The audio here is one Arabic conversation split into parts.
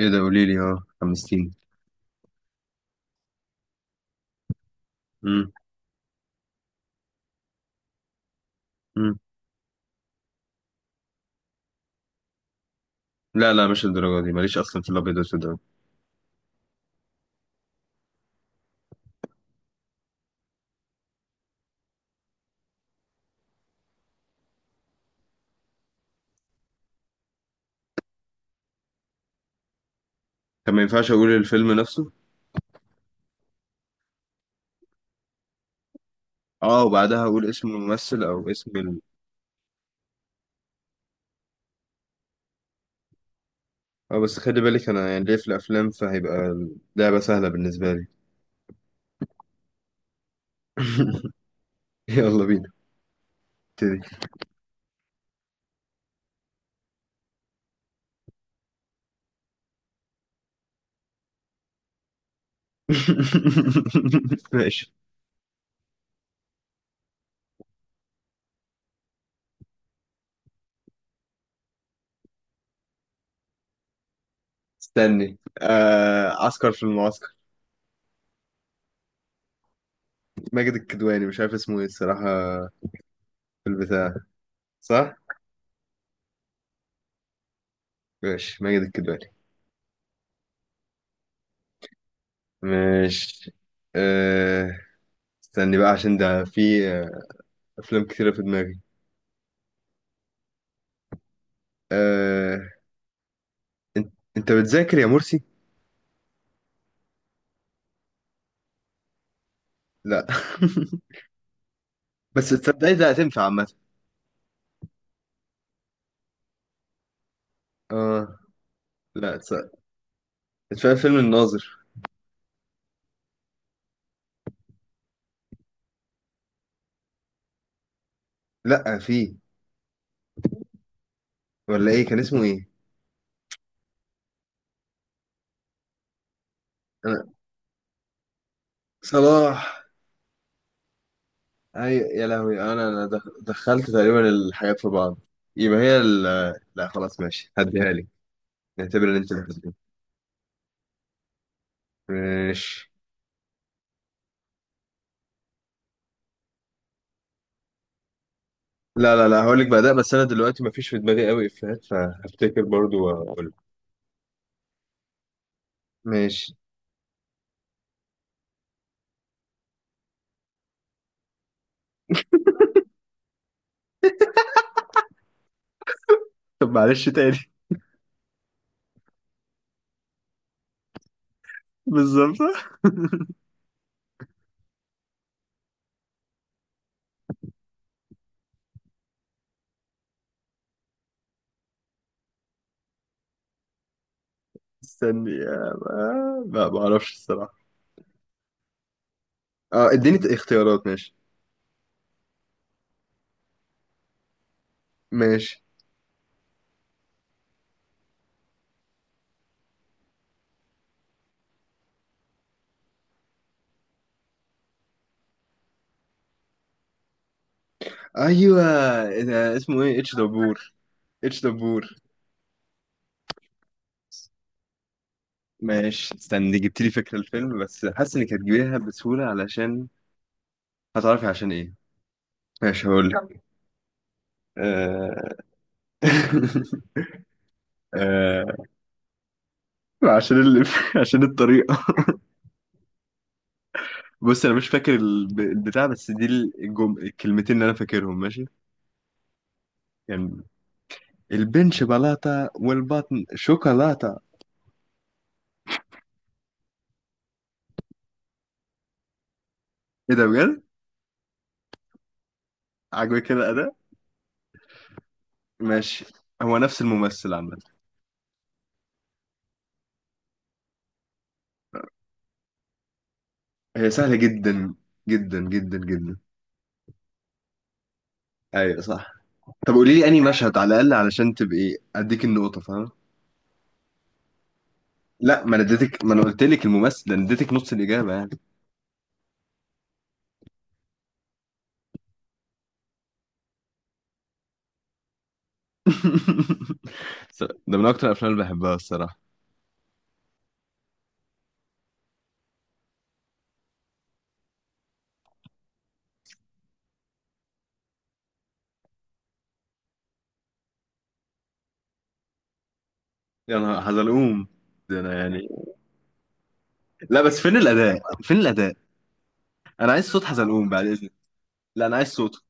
ايه ده؟ قولي لي، اه حمستيني. امم. امم. لا لا، مش الدرجه دي، ماليش اصلا في الابيض والاسود ده. كان ما ينفعش اقول الفيلم نفسه. اه وبعدها اقول اسم الممثل او اسم اه، بس خلي بالك انا يعني ليه في الافلام فهيبقى اللعبه سهله بالنسبه لي. يلا بينا. ابتدي. ماشي. استني، عسكر في المعسكر. ماجد الكدواني، مش عارف اسمه ايه الصراحه، في البتاع. صح. ماشي، ماجد الكدواني. ماشي. آه... استني بقى عشان ده في افلام كتيره في دماغي. آه... انت بتذاكر يا مرسي؟ لا. بس تصدقي ده هتنفع عامه. اه. لا، تصدق، فاهم فيلم الناظر؟ لا في. ولا ايه كان اسمه ايه؟ انا صلاح. اي يا لهوي، انا دخلت تقريبا الحاجات في بعض. يبقى هي لا خلاص، ماشي هديها لك. نعتبر ان انت بتهزري. ماشي. لا لا لا، هقول لك بقى ده، بس انا دلوقتي مفيش في دماغي قوي افيهات فهفتكر برضو واقول. ماشي. طب معلش تاني. بالظبط. استني، ما اعرفش الصراحه. اه، اديني اختيارات، ماشي. ماشي. ايوه. ده اسمه ايه؟ اتش دبور؟ اتش دبور. ماشي. استني، جبت لي فكره الفيلم، بس حاسس انك هتجيبيها بسهوله علشان هتعرفي عشان ايه. ماشي، هقول لك. آه... آه... عشان عشان الطريقه. بص، انا مش فاكر البتاع، بس دي الكلمتين اللي انا فاكرهم، ماشي. يعني البنش بلاطه والبطن شوكولاته. ايه ده بجد؟ عجبك كده. ماشي. هو نفس الممثل عامة. هي سهلة جدا جدا جدا جدا. ايوه صح. طب قولي لي انهي مشهد على الاقل علشان تبقي اديك النقطة، فاهم. لا، ما انا اديتك، ما انا قلت لك الممثل ده، انا اديتك نص الاجابة يعني. ده من اكتر الافلام اللي بحبها الصراحة. يا نهار حزلقوم، ده انا يعني. لا، بس فين الاداء فين الاداء؟ انا عايز صوت حزلقوم بعد اذنك. لا، انا عايز صوته.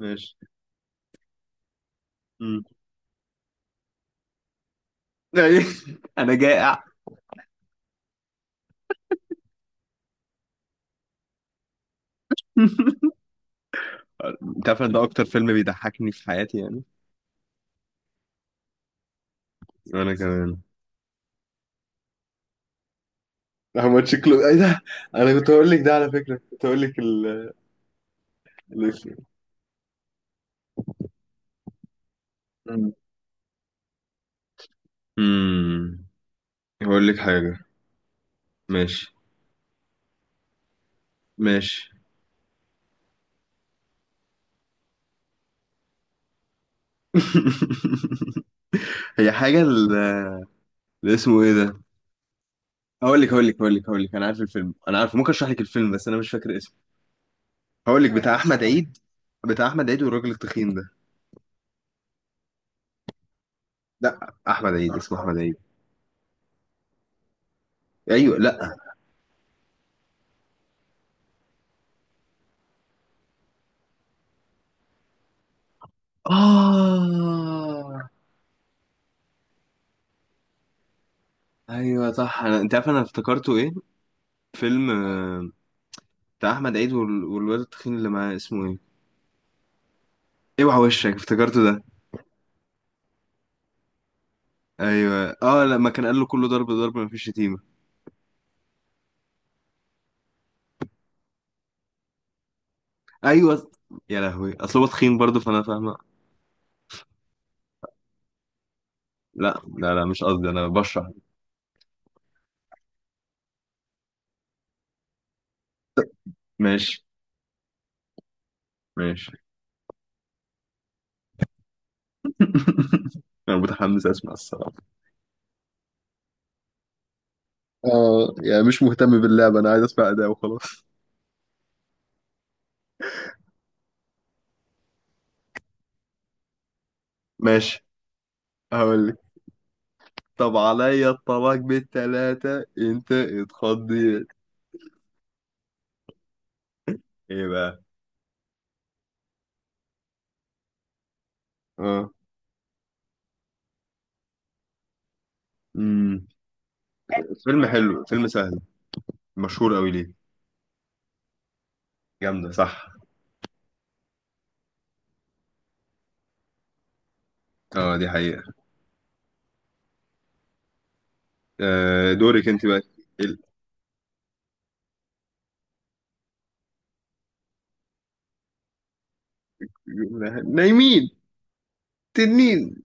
ماشي. مم. انا جائع. انت عارف إن ده اكتر فيلم بيضحكني في حياتي يعني. وانا كمان. احمد، شكله ايه ده؟ انا كنت هقول لك ده على فكره، كنت هقول لك الاسم. مم. مم. هقول لك حاجة. ماشي. ماشي. هي حاجة اللي اسمه ايه ده؟ هقول لك هقول لك هقول لك هقول لك، انا عارف الفيلم، انا عارف، ممكن اشرح لك الفيلم بس انا مش فاكر اسمه. هقول لك بتاع احمد عيد. بتاع احمد عيد والراجل التخين ده. لا، احمد عيد اسمه احمد عيد. ايوه. لا. اه. ايوه صح. انا، انت عارف انا افتكرته ايه؟ فيلم بتاع احمد عيد والواد التخين اللي معاه اسمه ايه؟ اوعى وشك، افتكرته ده. ايوه اه، لما كان قال له كله ضرب ضرب مفيش شتيمه. ايوه. يا لهوي اصل هو تخين برضه فانا فاهمه. لا لا لا، مش قصدي، انا بشرح. ماشي. ماشي. انا متحمس اسمع الصراحه. اه يعني مش مهتم باللعبة، انا عايز اسمع اداء وخلاص. ماشي، هقول لك. طب عليا الطلاق بالتلاتة انت اتخضيت. ايه بقى؟ اه. امم فيلم حلو، فيلم سهل، مشهور قوي ليه؟ جامده صح. اه دي حقيقه. آه، دورك انت بقى. نايمين. تنين.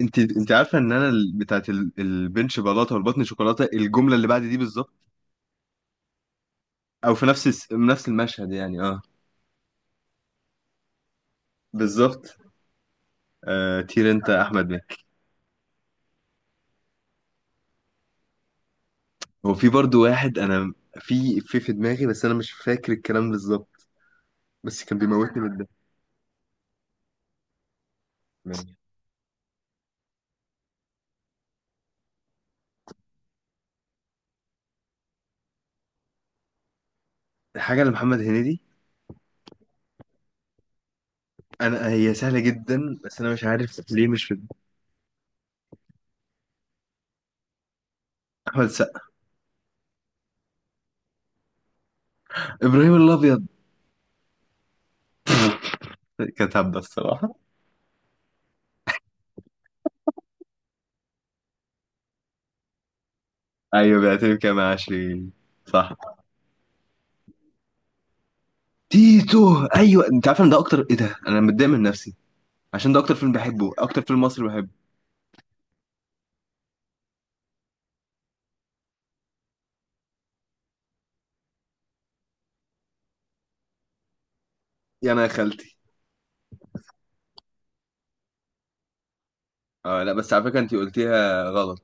انت عارفه ان انا بتاعت البنش بلاطه والبطن شوكولاته، الجمله اللي بعد دي بالظبط؟ او في نفس نفس المشهد يعني اه. بالظبط. آه طير انت يا احمد مكي. هو في برضو واحد، انا في دماغي، بس انا مش فاكر الكلام بالظبط، بس كان بيموتني من الضحك. ماشي. حاجه لمحمد هنيدي. انا هي سهله جدا، بس انا مش عارف ليه مش في دماغي. احمد السقا. ابراهيم الابيض. كانت هبه الصراحه. ايوه بيعترف كام عشري. صح. تيتو ايوه، انت عارف ان ده اكتر ايه ده، انا متضايق من نفسي عشان ده اكتر فيلم بحبه، اكتر فيلم مصري بحبه. يا انا يا خالتي. اه، لا بس على فكره انت قلتيها غلط.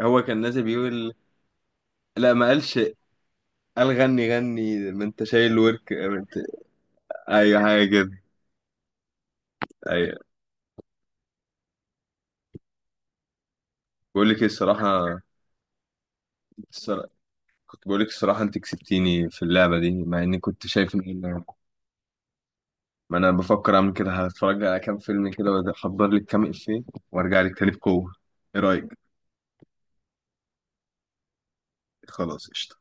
هو كان نازل بيقول. لا ما قالش. قال غني غني ما انت شايل ورك ما انت... ايوه حاجه كده، ايوه. بقول لك ايه الصراحه، الصرا- كنت بقول لك الصراحه، انت كسبتيني في اللعبه دي مع اني كنت شايف ان، ما انا بفكر اعمل كده، هتفرج على كام فيلم كده واحضر لك كام افيه، وارجع لك تاني بقوه. ايه رايك؟ خلاص قشطة.